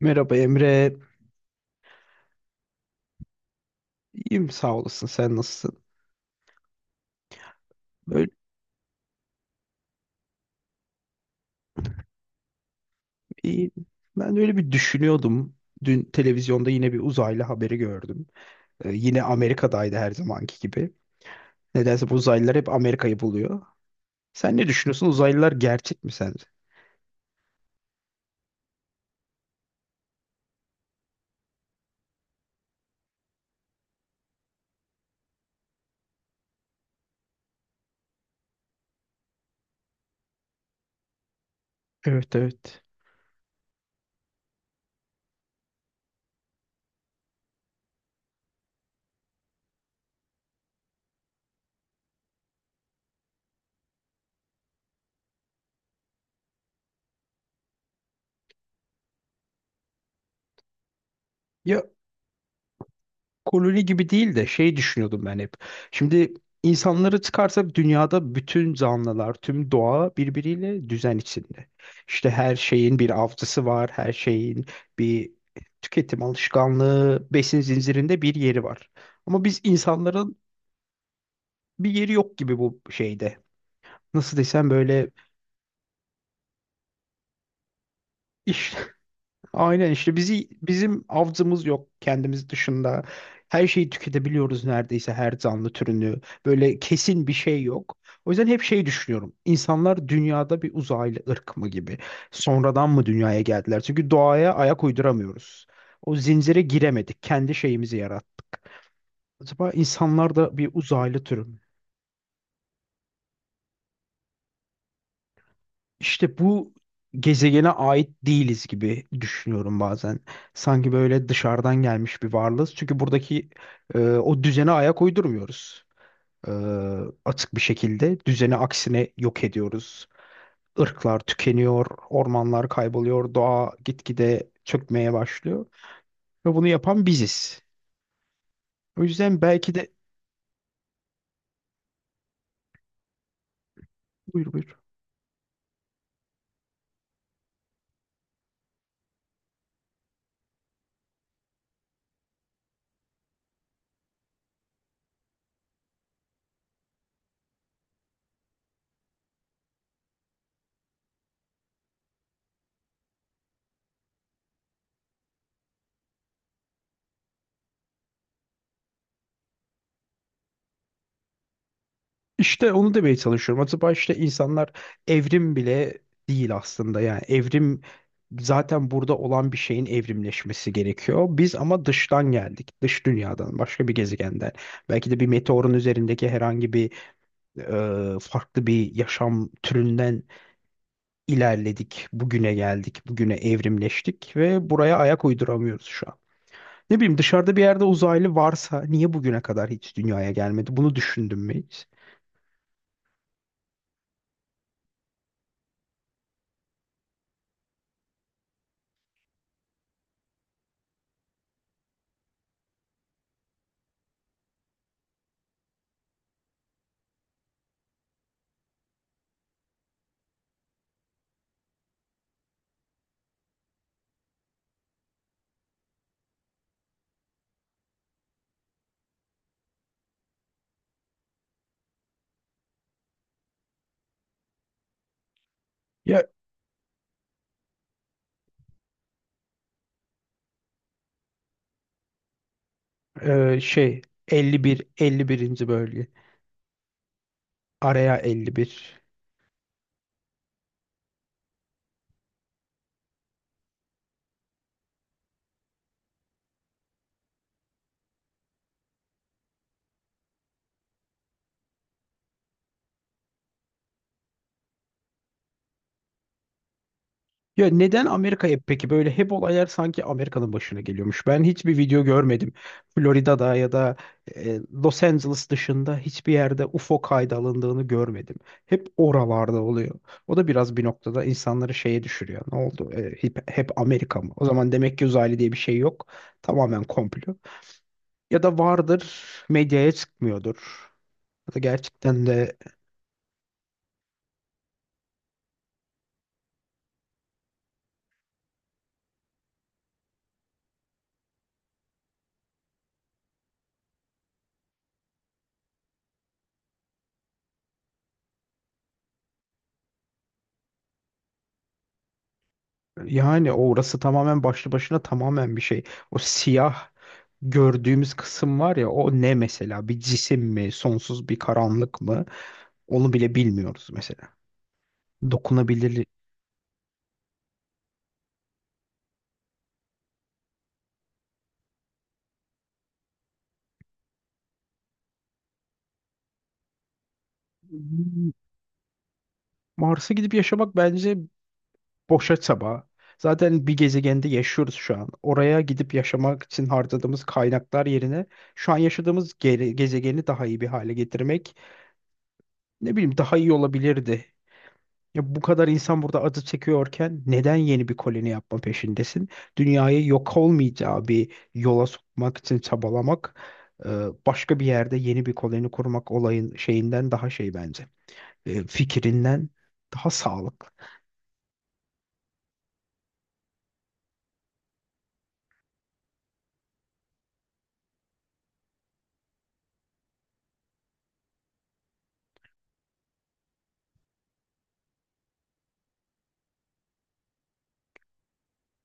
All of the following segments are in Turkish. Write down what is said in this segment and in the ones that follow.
Merhaba Emre. İyiyim sağ olasın. Sen nasılsın? Böyle iyiyim. Ben de öyle bir düşünüyordum. Dün televizyonda yine bir uzaylı haberi gördüm. Yine Amerika'daydı her zamanki gibi. Nedense bu uzaylılar hep Amerika'yı buluyor. Sen ne düşünüyorsun? Uzaylılar gerçek mi sence? Evet, evet. Ya, koloni gibi değil de şey düşünüyordum ben hep. Şimdi insanları çıkarsak dünyada bütün canlılar, tüm doğa birbiriyle düzen içinde. İşte her şeyin bir avcısı var, her şeyin bir tüketim alışkanlığı, besin zincirinde bir yeri var. Ama biz insanların bir yeri yok gibi bu şeyde. Nasıl desem, böyle iş aynen işte, bizi bizim avcımız yok kendimiz dışında. Her şeyi tüketebiliyoruz neredeyse her canlı türünü. Böyle kesin bir şey yok. O yüzden hep şey düşünüyorum. İnsanlar dünyada bir uzaylı ırk mı gibi. Sonradan mı dünyaya geldiler? Çünkü doğaya ayak uyduramıyoruz. O zincire giremedik. Kendi şeyimizi yarattık. Acaba insanlar da bir uzaylı türü mü? İşte bu gezegene ait değiliz gibi düşünüyorum bazen. Sanki böyle dışarıdan gelmiş bir varlığız. Çünkü buradaki o düzene ayak uydurmuyoruz. E, Açık bir şekilde düzeni aksine yok ediyoruz. Irklar tükeniyor, ormanlar kayboluyor, doğa gitgide çökmeye başlıyor. Ve bunu yapan biziz. O yüzden belki de... Buyur, buyur. İşte onu demeye çalışıyorum. Acaba işte insanlar evrim bile değil aslında. Yani evrim zaten burada olan bir şeyin evrimleşmesi gerekiyor. Biz ama dıştan geldik. Dış dünyadan, başka bir gezegenden. Belki de bir meteorun üzerindeki herhangi bir farklı bir yaşam türünden ilerledik. Bugüne geldik, bugüne evrimleştik ve buraya ayak uyduramıyoruz şu an. Ne bileyim, dışarıda bir yerde uzaylı varsa niye bugüne kadar hiç dünyaya gelmedi? Bunu düşündün mü hiç? Ya, şey 51, 51'inci bölge. Araya 51. Ya, neden Amerika'ya peki, böyle hep olaylar sanki Amerika'nın başına geliyormuş. Ben hiçbir video görmedim. Florida'da ya da Los Angeles dışında hiçbir yerde UFO kaydı alındığını görmedim. Hep oralarda oluyor. O da biraz bir noktada insanları şeye düşürüyor. Ne oldu? Hep Amerika mı? O zaman demek ki uzaylı diye bir şey yok. Tamamen komplo. Ya da vardır, medyaya çıkmıyordur. Ya da gerçekten de... Yani orası tamamen başlı başına tamamen bir şey. O siyah gördüğümüz kısım var ya, o ne mesela? Bir cisim mi? Sonsuz bir karanlık mı? Onu bile bilmiyoruz mesela. Dokunabilir. Hmm, Mars'a gidip yaşamak bence boşa çaba. Zaten bir gezegende yaşıyoruz şu an. Oraya gidip yaşamak için harcadığımız kaynaklar yerine şu an yaşadığımız gezegeni daha iyi bir hale getirmek, ne bileyim, daha iyi olabilirdi. Ya bu kadar insan burada acı çekiyorken neden yeni bir koloni yapma peşindesin? Dünyayı yok olmayacağı bir yola sokmak için çabalamak, e, başka bir yerde yeni bir koloni kurmak olayın şeyinden daha şey bence. Fikrinden daha sağlıklı.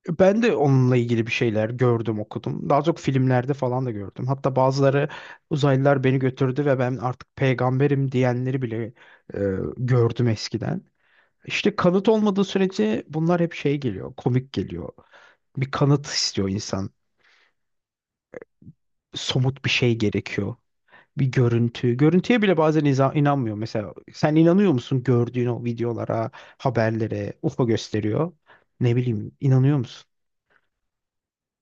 Ben de onunla ilgili bir şeyler gördüm, okudum. Daha çok filmlerde falan da gördüm. Hatta bazıları uzaylılar beni götürdü ve ben artık peygamberim diyenleri bile gördüm eskiden. İşte kanıt olmadığı sürece bunlar hep şey geliyor, komik geliyor. Bir kanıt istiyor insan. Somut bir şey gerekiyor. Bir görüntü. Görüntüye bile bazen inanmıyor. Mesela sen inanıyor musun gördüğün o videolara, haberlere, UFO gösteriyor. Ne bileyim, inanıyor musun?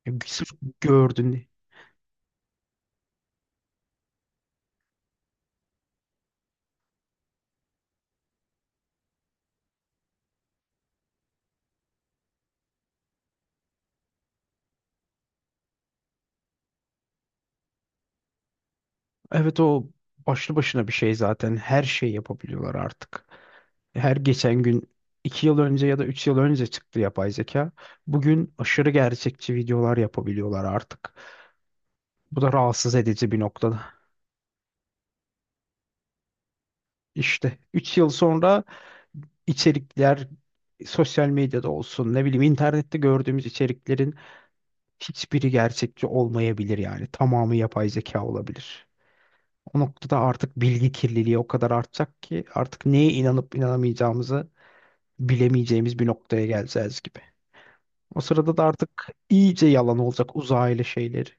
Ya, sırf gördün. Evet, o başlı başına bir şey zaten. Her şey yapabiliyorlar artık. Her geçen gün, 2 yıl önce ya da 3 yıl önce çıktı yapay zeka. Bugün aşırı gerçekçi videolar yapabiliyorlar artık. Bu da rahatsız edici bir noktada. İşte 3 yıl sonra içerikler, sosyal medyada olsun, ne bileyim, internette gördüğümüz içeriklerin hiçbiri gerçekçi olmayabilir yani. Tamamı yapay zeka olabilir. O noktada artık bilgi kirliliği o kadar artacak ki artık neye inanıp inanamayacağımızı bilemeyeceğimiz bir noktaya geleceğiz gibi. O sırada da artık iyice yalan olacak uzaylı şeyleri.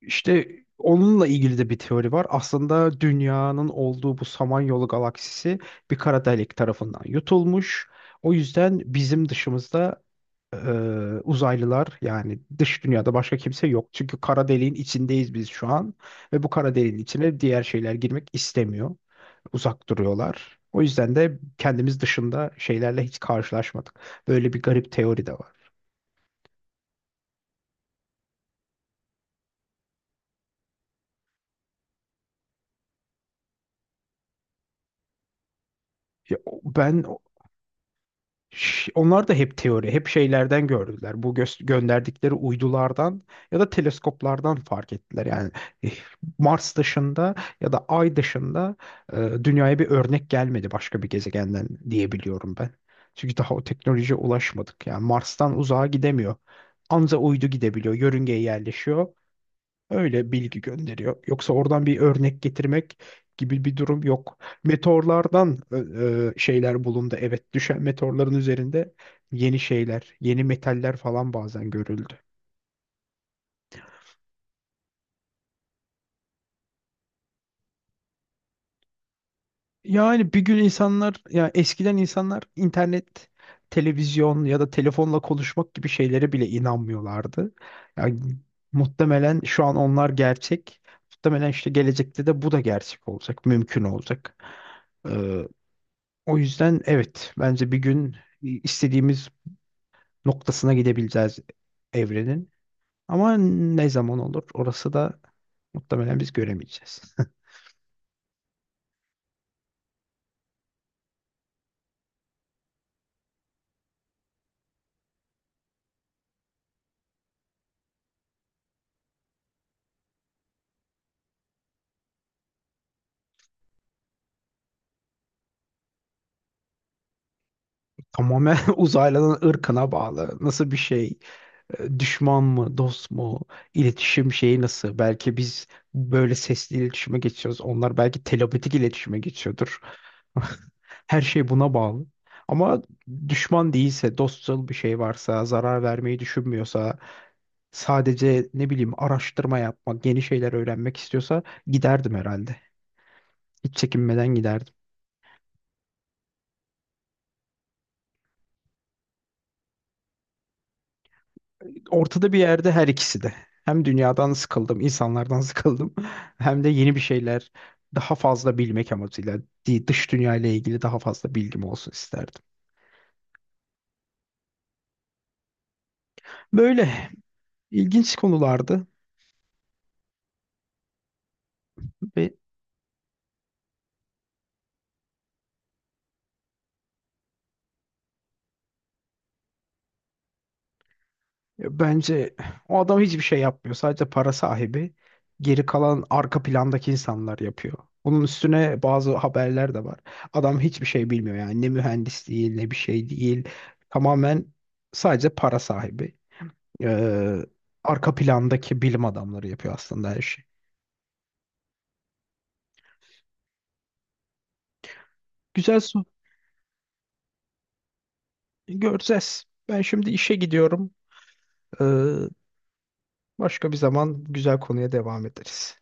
İşte onunla ilgili de bir teori var. Aslında dünyanın olduğu bu Samanyolu galaksisi bir kara delik tarafından yutulmuş. O yüzden bizim dışımızda e, uzaylılar, yani dış dünyada başka kimse yok. Çünkü kara deliğin içindeyiz biz şu an ve bu kara deliğin içine diğer şeyler girmek istemiyor. Uzak duruyorlar. O yüzden de kendimiz dışında şeylerle hiç karşılaşmadık. Böyle bir garip teori de var. Ya, ben... Onlar da hep teori, hep şeylerden gördüler. Bu gönderdikleri uydulardan ya da teleskoplardan fark ettiler. Eh, Mars dışında ya da Ay dışında dünyaya bir örnek gelmedi başka bir gezegenden diyebiliyorum ben. Çünkü daha o teknolojiye ulaşmadık. Yani Mars'tan uzağa gidemiyor. Anca uydu gidebiliyor, yörüngeye yerleşiyor. Öyle bilgi gönderiyor. Yoksa oradan bir örnek getirmek gibi bir durum yok. Meteorlardan şeyler bulundu. Evet, düşen meteorların üzerinde yeni şeyler, yeni metaller falan bazen görüldü. Yani bir gün insanlar, ya eskiden insanlar internet, televizyon ya da telefonla konuşmak gibi şeylere bile inanmıyorlardı. Yani muhtemelen şu an onlar gerçek. Muhtemelen işte gelecekte de bu da gerçek olacak, mümkün olacak. Ee, O yüzden evet, bence bir gün istediğimiz noktasına gidebileceğiz evrenin. Ama ne zaman olur orası da muhtemelen biz göremeyeceğiz. Tamamen uzaylıların ırkına bağlı. Nasıl bir şey? Düşman mı, dost mu, iletişim şeyi nasıl? Belki biz böyle sesli iletişime geçiyoruz. Onlar belki telepatik iletişime geçiyordur. Her şey buna bağlı. Ama düşman değilse, dostçıl bir şey varsa, zarar vermeyi düşünmüyorsa, sadece ne bileyim araştırma yapmak, yeni şeyler öğrenmek istiyorsa giderdim herhalde. Hiç çekinmeden giderdim. Ortada bir yerde, her ikisi de. Hem dünyadan sıkıldım, insanlardan sıkıldım. Hem de yeni bir şeyler, daha fazla bilmek amacıyla dış dünya ile ilgili daha fazla bilgim olsun isterdim. Böyle ilginç konulardı. Ve bence o adam hiçbir şey yapmıyor. Sadece para sahibi. Geri kalan arka plandaki insanlar yapıyor. Bunun üstüne bazı haberler de var. Adam hiçbir şey bilmiyor yani, ne mühendis değil ne bir şey değil. Tamamen sadece para sahibi. Ee, Arka plandaki bilim adamları yapıyor aslında her şeyi. Güzel su. Göreceğiz. Ben şimdi işe gidiyorum. Ee, Başka bir zaman güzel konuya devam ederiz.